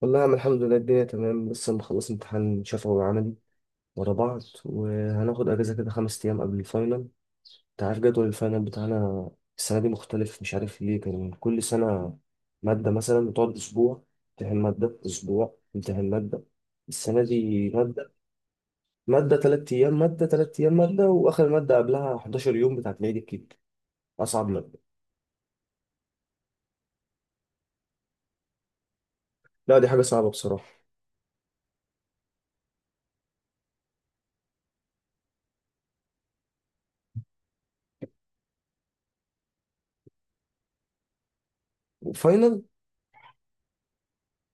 والله يا عم، الحمد لله الدنيا تمام. لسه مخلص امتحان شفوي وعملي ورا بعض، وهناخد اجازه كده خمس ايام قبل الفاينل. انت عارف جدول الفاينل بتاعنا السنه دي مختلف، مش عارف ليه. كان كل سنه ماده مثلا بتقعد اسبوع، امتحان ماده اسبوع امتحان ماده. السنه دي ماده ماده ثلاث ايام، ماده ثلاث ايام، ماده، واخر ماده قبلها 11 يوم بتاعت العيد الكبير، اصعب ماده. لا دي حاجه صعبه بصراحه. وفاينل؟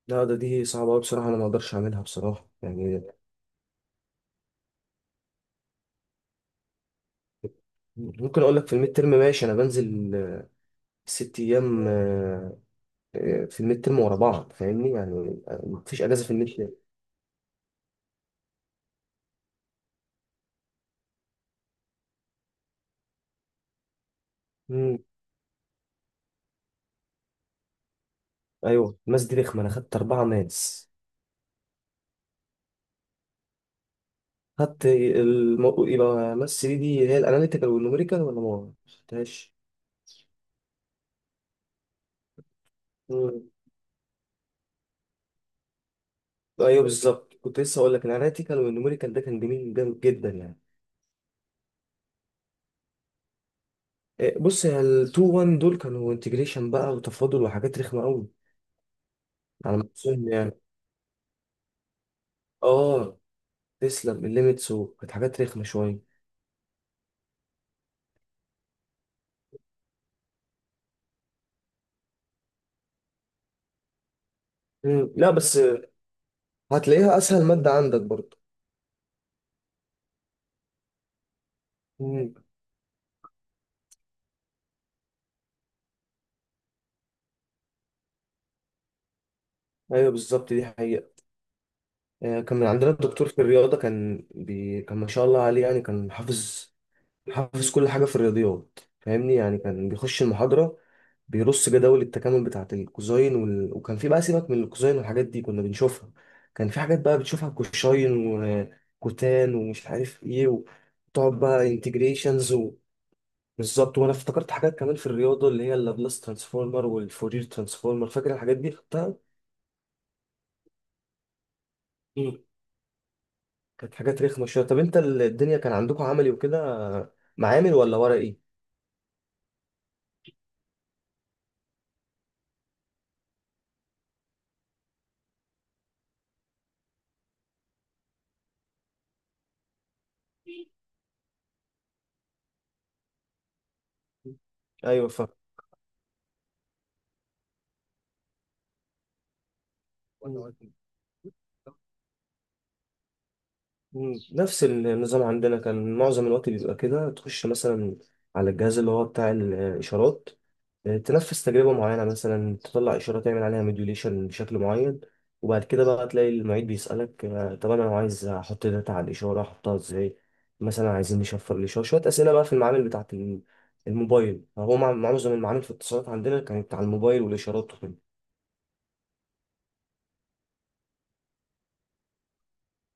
لا ده دي صعبه أوي بصراحه، انا ما اقدرش اعملها بصراحه يعني. ممكن اقول لك في الميد ترم ماشي، انا بنزل ست ايام في الميد ترم ورا بعض، فاهمني يعني. مفيش اجازه في الميد ترم. مم. ايوه، ماس دي رخمه، انا خدت اربعه ماس. يبقى ماس دي اللي هي الاناليتيكال والنوميريكال، ولا ما خدتهاش؟ مم. ايوه بالظبط، كنت لسه اقول لك الاناليتيكال والنوميريكال ده كان جميل جامد جدا يعني. بص يا 2 1 دول كانوا انتجريشن بقى وتفاضل وحاجات رخمه قوي، على ما اظن يعني. اه تسلم، الليميتس وكانت حاجات رخمه شويه. مم. لا بس هتلاقيها اسهل ماده عندك برضه. مم. ايوه بالظبط، دي حقيقة. كان من عندنا الدكتور في الرياضة كان كان ما شاء الله عليه يعني، كان حافظ حافظ كل حاجة في الرياضيات، فاهمني يعني. كان بيخش المحاضرة بيرص جداول التكامل بتاعة الكوزاين وكان في بقى، سيبك من الكوزاين والحاجات دي كنا بنشوفها. كان في حاجات بقى بتشوفها كوشاين وكوتان ومش عارف ايه، وتقعد بقى انتجريشنز. بالظبط، وانا افتكرت حاجات كمان في الرياضه اللي هي اللابلاس ترانسفورمر والفورير ترانسفورمر، فاكر الحاجات دي؟ خدتها. مم. كانت حاجات رخمه شويه. طب انت الدنيا كان عندكم عملي وكده، معامل ولا ورقي؟ ايوه فاهم. مم. مم. نفس النظام عندنا، كان معظم الوقت بيبقى كده. تخش مثلا على الجهاز اللي هو بتاع الإشارات، تنفذ تجربة معينة، مثلا تطلع إشارة تعمل عليها موديوليشن بشكل معين. وبعد كده بقى تلاقي المعيد بيسألك، طب أنا عايز أحط داتا على الإشارة، أحطها إزاي؟ مثلا عايزين نشفر الإشارة. شوية أسئلة بقى في المعامل بتاعة الموبايل، هو معظم المعامل في الاتصالات عندنا كانت على الموبايل والإشارات وكده.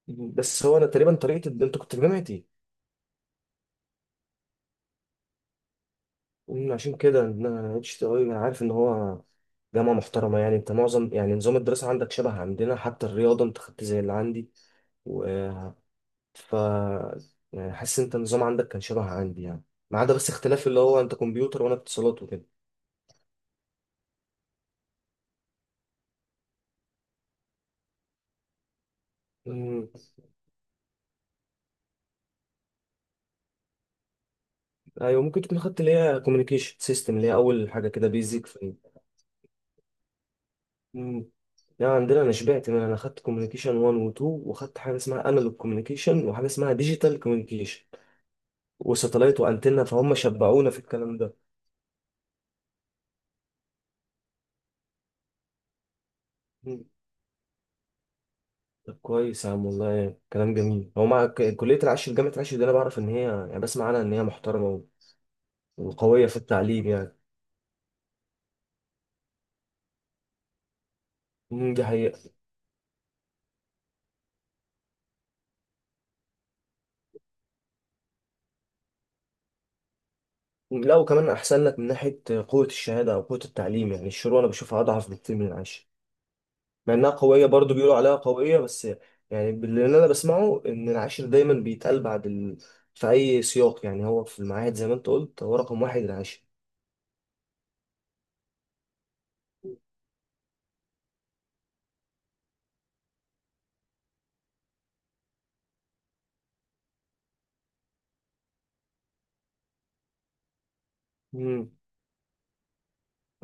بس هو أنا تقريبا طريقة، أنت كنت في جامعتي. عشان كده إن أنا اتش تي أي، أنا عارف إن هو جامعة محترمة يعني. أنت معظم يعني نظام الدراسة عندك شبه عندنا، حتى الرياضة أنت خدت زي اللي عندي. ف يعني حاسس انت النظام عندك كان شبه عندي يعني، ما عدا بس اختلاف اللي هو انت كمبيوتر وانا اتصالات وكده. مم. ايوه، ممكن تكون خدت اللي هي كوميونيكيشن سيستم، اللي هي اول حاجه كده بيزك في... مم. لا عندنا انا شبعت من انا، خدت كوميونيكيشن 1 و 2، وخدت حاجه اسمها انالوج كوميونيكيشن، وحاجه اسمها ديجيتال كوميونيكيشن، وساتلايت وانتنه، فهم شبعونا في الكلام ده. مم. طب كويس يا عم والله، كلام جميل. هو مع كليه العاشر، جامعه العاشر دي انا بعرف ان هي يعني، بسمع عنها ان هي محترمه و- وقويه في التعليم يعني. مم، دي حقيقة. لا وكمان أحسن لك من ناحية قوة الشهادة أو قوة التعليم يعني، الشروق أنا بشوفها أضعف بكتير من العاشر، مع إنها قوية برضو، بيقولوا عليها قوية بس. يعني اللي أنا بسمعه إن العاشر دايما بيتقال بعد في أي سياق يعني. هو في المعاهد زي ما أنت قلت، هو رقم واحد العاشر. مم.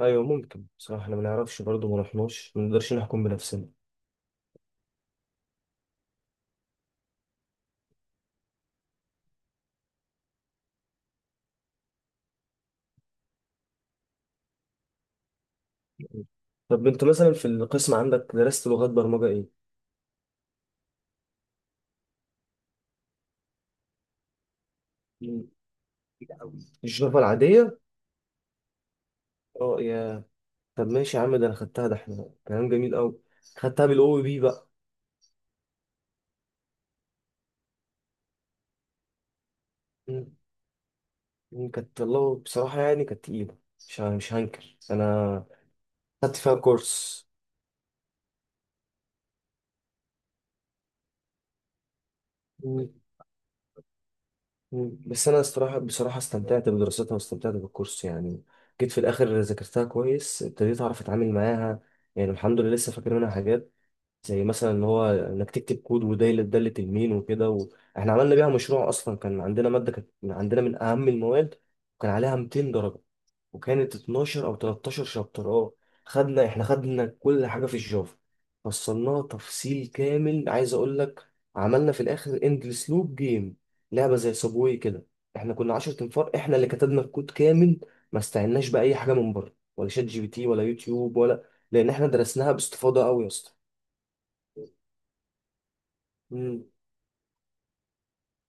أيوه ممكن، بصراحة إحنا ما نعرفش برضو، ما رحناش، ما نقدرش نحكم بنفسنا. طب أنت مثلا في القسم عندك درست لغات برمجة إيه؟ مم. الجافا العادية؟ أه يا. طب ماشي يا عم، ده انا خدتها، ده احنا كلام جميل قوي. خدتها بالاو بي بقى. مم. مم. كانت والله بصراحه يعني كانت تقيله، مش هنكر انا، خدت فيها كورس. مم. مم. بس انا بصراحه استمتعت بدراستها واستمتعت بالكورس يعني. جيت في الاخر ذاكرتها كويس، ابتديت اعرف اتعامل معاها يعني. الحمد لله لسه فاكر منها حاجات، زي مثلا ان هو انك تكتب كود، وده اللي تلمين وكده. واحنا عملنا بيها مشروع، اصلا كان عندنا ماده كانت عندنا من اهم المواد، وكان عليها 200 درجه، وكانت 12 او 13 شابتر. اه احنا خدنا كل حاجه في الجافا، فصلناها تفصيل كامل، عايز اقول لك. عملنا في الاخر اندلس لوب جيم، لعبه زي صابواي كده. احنا كنا 10 تنفار احنا اللي كتبنا الكود كامل، ما استعناش باي حاجه من بره، ولا شات جي بي تي، ولا يوتيوب ولا... لان احنا درسناها باستفاضه قوي يا اسطى.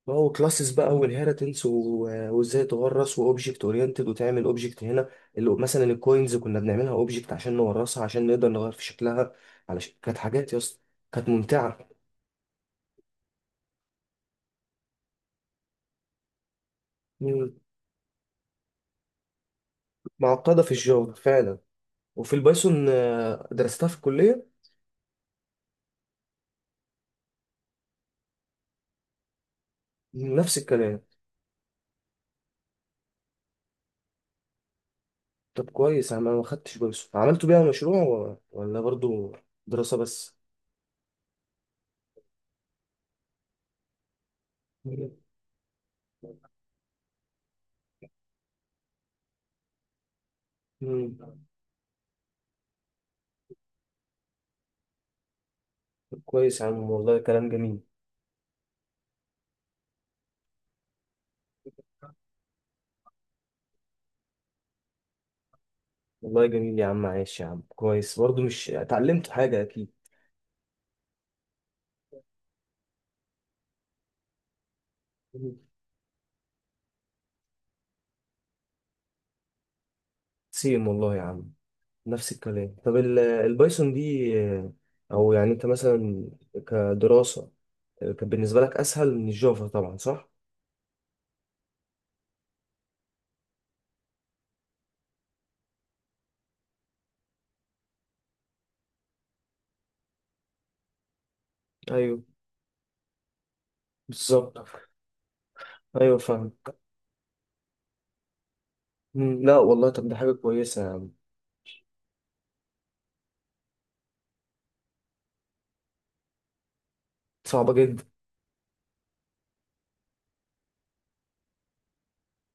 اه، وكلاسز بقى والهيرتنس وازاي تورث، واوبجكت اورينتد، وتعمل اوبجكت هنا اللي مثلا الكوينز كنا بنعملها اوبجكت عشان نورثها، عشان نقدر نغير في شكلها. علشان كانت حاجات يا اسطى كانت ممتعه. مم. معقده في الجافا فعلا. وفي البايثون درستها في الكليه. مم، نفس الكلام. طب كويس، انا ما خدتش بايثون. عملتوا بيها مشروع ولا برضو دراسه بس؟ مم. مم. طب كويس يا عم والله، كلام جميل. والله جميل يا عم، عايش يا عم كويس برضو، مش اتعلمت حاجة أكيد. سيم والله يا عم، نفس الكلام. طب البايثون دي، او يعني انت مثلا كدراسة، كان بالنسبة لك اسهل من الجافا طبعا، صح؟ ايوه بالظبط. ايوه فاهم. مم، لا والله طب ده حاجة كويسة يا عم. صعبة جدا.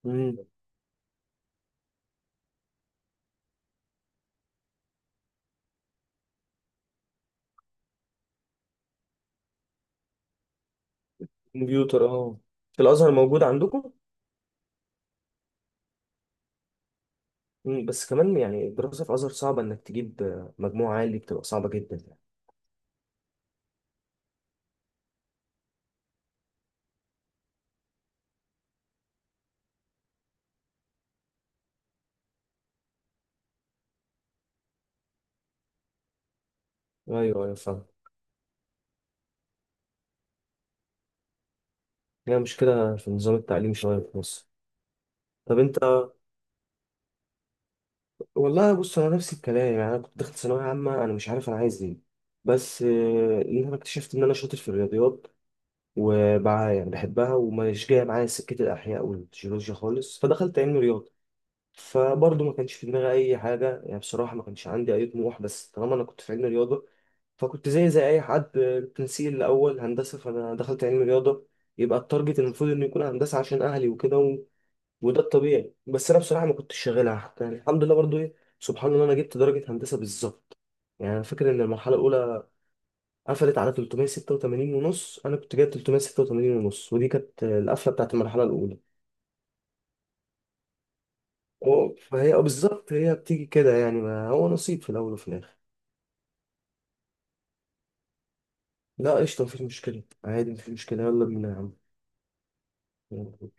مم، كمبيوتر اه. في الازهر موجود عندكم؟ مم، بس كمان يعني الدراسة في الازهر صعبة، انك تجيب مجموع عالي بتبقى صعبة جدا يعني. ايوه ايوه فاهم. هي مشكلة في نظام التعليم شوية في مصر. طب انت، والله بص انا نفس الكلام يعني. انا كنت داخل ثانويه عامه انا مش عارف انا عايز ايه، بس ان انا اكتشفت ان انا شاطر في الرياضيات وبع يعني بحبها، ومش جايه معايا سكه الاحياء والجيولوجيا خالص، فدخلت علم رياضه. فبرضه ما كانش في دماغي اي حاجه يعني، بصراحه ما كانش عندي اي طموح، بس طالما انا كنت في علم رياضه، فكنت زي اي حد، تنسيق الاول هندسه، فانا دخلت علم رياضه، يبقى التارجت المفروض انه يكون هندسه عشان اهلي وكده، وده الطبيعي. بس انا بصراحه ما كنتش شاغلها يعني. الحمد لله برضو ايه، سبحان الله، انا جبت درجه هندسه بالظبط. يعني انا فاكر ان المرحله الاولى قفلت على 386 ونص، انا كنت جايب 386 ونص، ودي كانت القفله بتاعت المرحله الاولى. فهي اه بالظبط، هي بتيجي كده يعني، ما هو نصيب في الاول وفي الاخر. لا قشطه، مفيش مشكله عادي، مفيش مشكله، يلا بينا يا عم. يلا.